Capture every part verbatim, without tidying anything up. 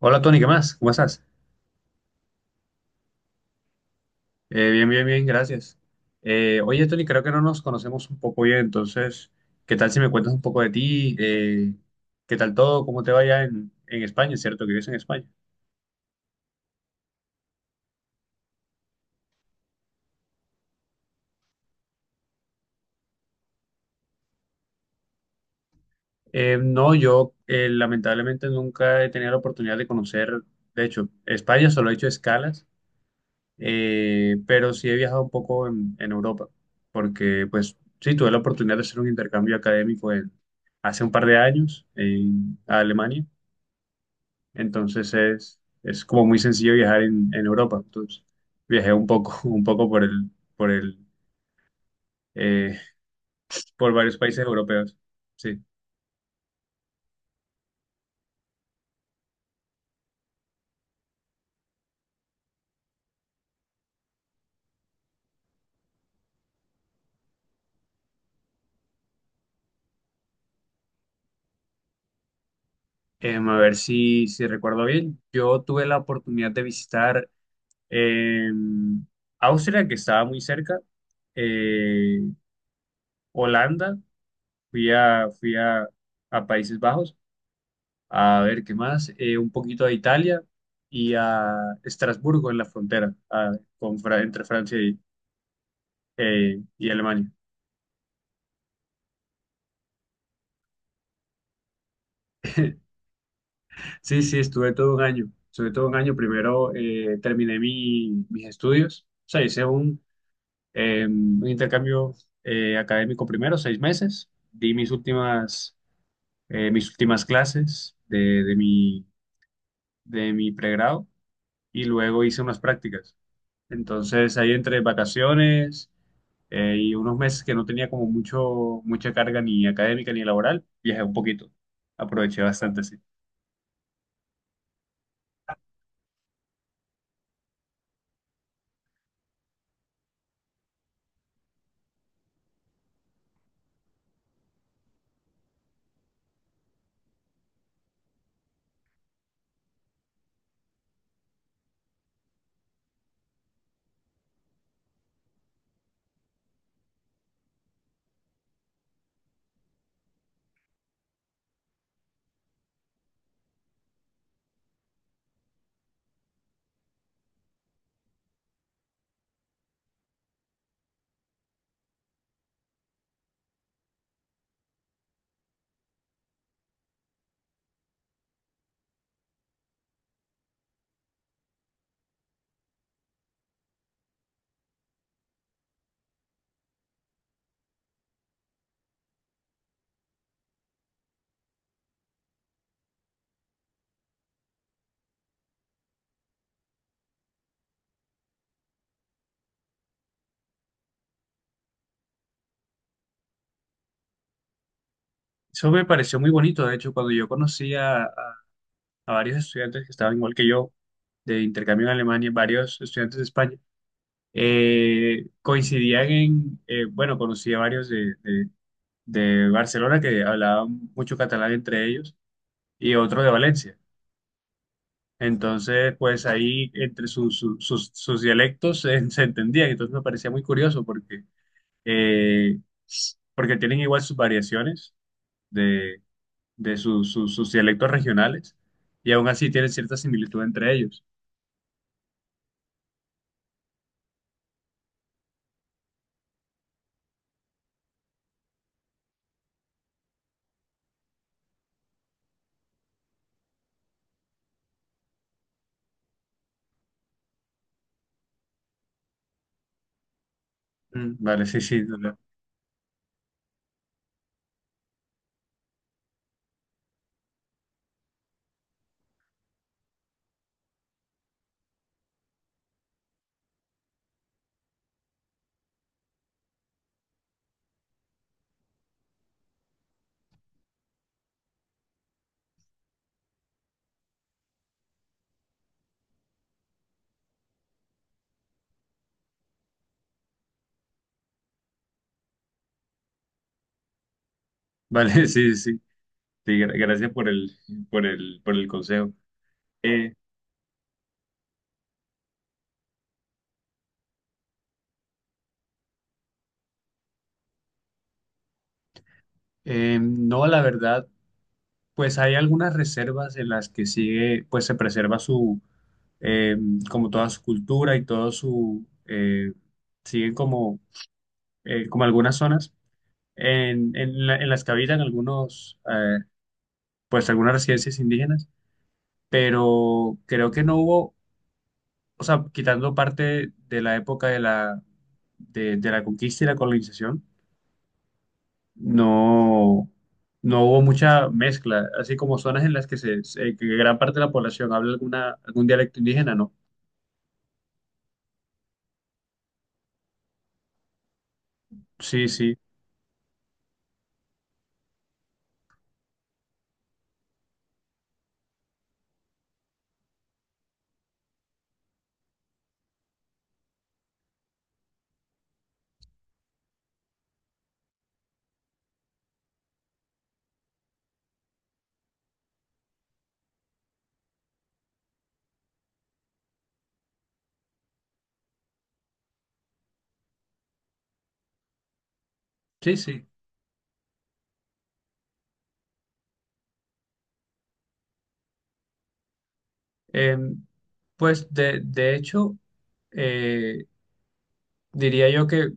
Hola Tony, ¿qué más? ¿Cómo estás? Eh, bien, bien, bien, gracias. Eh, oye Tony, creo que no nos conocemos un poco bien, entonces, ¿qué tal si me cuentas un poco de ti? Eh, ¿qué tal todo? ¿Cómo te va allá en, en España? ¿Cierto que vives en España? Eh, no, yo eh, lamentablemente nunca he tenido la oportunidad de conocer, de hecho, España solo he hecho escalas, eh, pero sí he viajado un poco en, en Europa, porque pues sí, tuve la oportunidad de hacer un intercambio académico en- hace un par de años en Alemania. Entonces es, es como muy sencillo viajar en, en Europa. Entonces viajé un poco, un poco por el, por el, eh, por varios países europeos. Sí. Em, a ver si, si recuerdo bien. Yo tuve la oportunidad de visitar em, Austria, que estaba muy cerca, eh, Holanda, fui a, fui a, a Países Bajos, a ver qué más. Eh, un poquito a Italia y a Estrasburgo en la frontera, a- con, Fra- entre Francia eh, y Alemania. Sí, sí, estuve todo un año. Estuve todo un año. Primero eh, terminé mi- mis estudios. O sea, hice un, eh, un intercambio eh, académico primero, seis meses. Di mis últimas, eh, mis últimas clases de, de mi, de mi pregrado y luego hice unas prácticas. Entonces, ahí entre vacaciones eh, y unos meses que no tenía como mucho, mucha carga ni académica ni laboral, viajé un poquito. Aproveché bastante, sí. Eso me pareció muy bonito, de hecho, cuando yo conocí a, a- a varios estudiantes que estaban igual que yo, de intercambio en Alemania, varios estudiantes de España, eh, coincidían en, eh, bueno, conocí a varios de, de- de Barcelona que hablaban mucho catalán entre ellos y otro de Valencia. Entonces, pues ahí entre sus, sus, sus- sus dialectos eh, se entendían, entonces me parecía muy curioso porque, eh, porque tienen igual sus variaciones de sus sus- sus dialectos regionales y aún así tienen cierta similitud entre ellos. Mm, Vale, sí, sí, no, no. Vale, sí, sí. Sí, gra- gracias por el, por el, por el consejo. Eh, eh, no, la verdad, pues hay algunas reservas en las que sigue, pues se preserva su, eh, como toda su cultura y todo su, eh, siguen como, eh, como algunas zonas en, en, la- en las que habitan algunos, eh, pues algunas residencias indígenas, pero creo que no hubo, o sea, quitando parte de la época de la, de, de la conquista y la colonización, no, no hubo mucha mezcla, así como zonas en las que, se, se- que gran parte de la población habla alguna, algún dialecto indígena, no. Sí, sí, sí, sí. Eh, pues de, de hecho, eh, diría yo que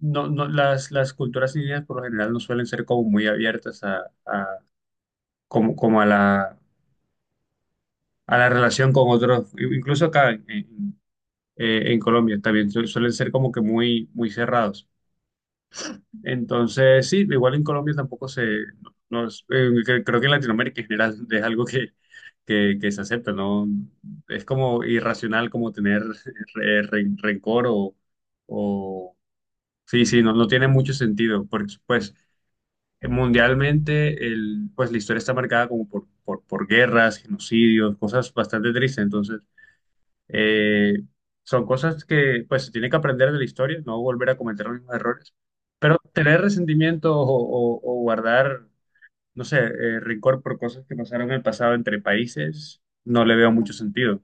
no, no, las, las culturas indígenas por lo general no suelen ser como muy abiertas a, a- como, como a la, a la relación con otros, incluso acá en, eh, en Colombia también su- suelen ser como que muy, muy cerrados. Entonces, sí, igual en Colombia tampoco se, no, no es- eh, cre- creo que en Latinoamérica en general es algo que, que, que se acepta, ¿no? Es como irracional como tener re- re- rencor o, o, sí, sí, no, no tiene mucho sentido, porque pues mundialmente el, pues la historia está marcada como por, por, por guerras, genocidios, cosas bastante tristes, entonces... Eh, Son cosas que pues se tiene que aprender de la historia, no volver a cometer los mismos errores, pero tener resentimiento o, o- o guardar, no sé, eh, rencor por cosas que pasaron en el pasado entre países, no le veo mucho sentido.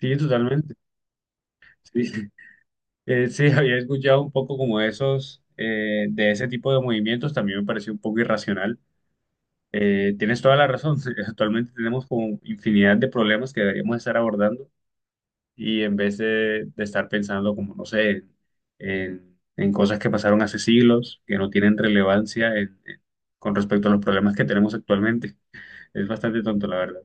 Sí, totalmente. Sí, Eh, sí, había escuchado un poco como esos, eh, de ese tipo de movimientos, también me pareció un poco irracional. Eh, tienes toda la razón, actualmente tenemos como infinidad de problemas que deberíamos estar abordando y en vez de, de estar pensando como, no sé, en, en en cosas que pasaron hace siglos, que no tienen relevancia en- en- con respecto a los problemas que tenemos actualmente. Es bastante tonto, la verdad.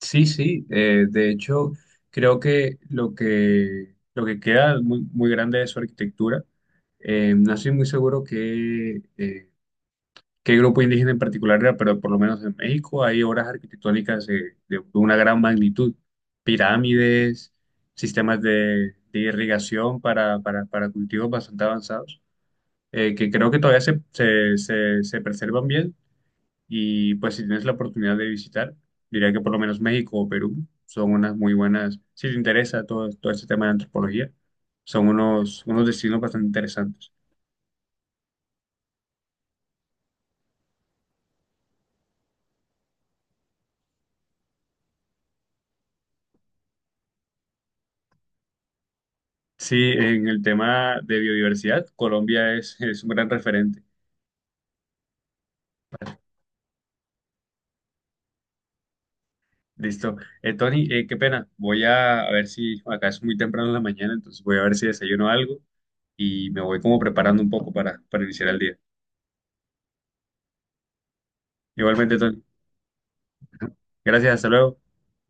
Sí, sí, eh, de hecho, creo que lo que, lo que queda muy, muy grande de su arquitectura, eh, no estoy muy seguro que qué grupo indígena en particular era, pero por lo menos en México hay obras arquitectónicas, eh, de una gran magnitud, pirámides, sistemas de, de irrigación para, para, para cultivos bastante avanzados, eh, que creo que todavía se, se, se, se preservan bien, y pues si tienes la oportunidad de visitar, diría que por lo menos México o Perú son unas muy buenas, si te interesa todo, todo este tema de antropología, son unos, unos destinos bastante interesantes. Sí, en el tema de biodiversidad, Colombia es, es un gran referente. Listo. Eh, Tony, eh, qué pena. Voy a, a ver si acá es muy temprano en la mañana, entonces voy a ver si desayuno algo y me voy como preparando un poco para, para iniciar el día. Igualmente, Tony. Gracias, hasta luego.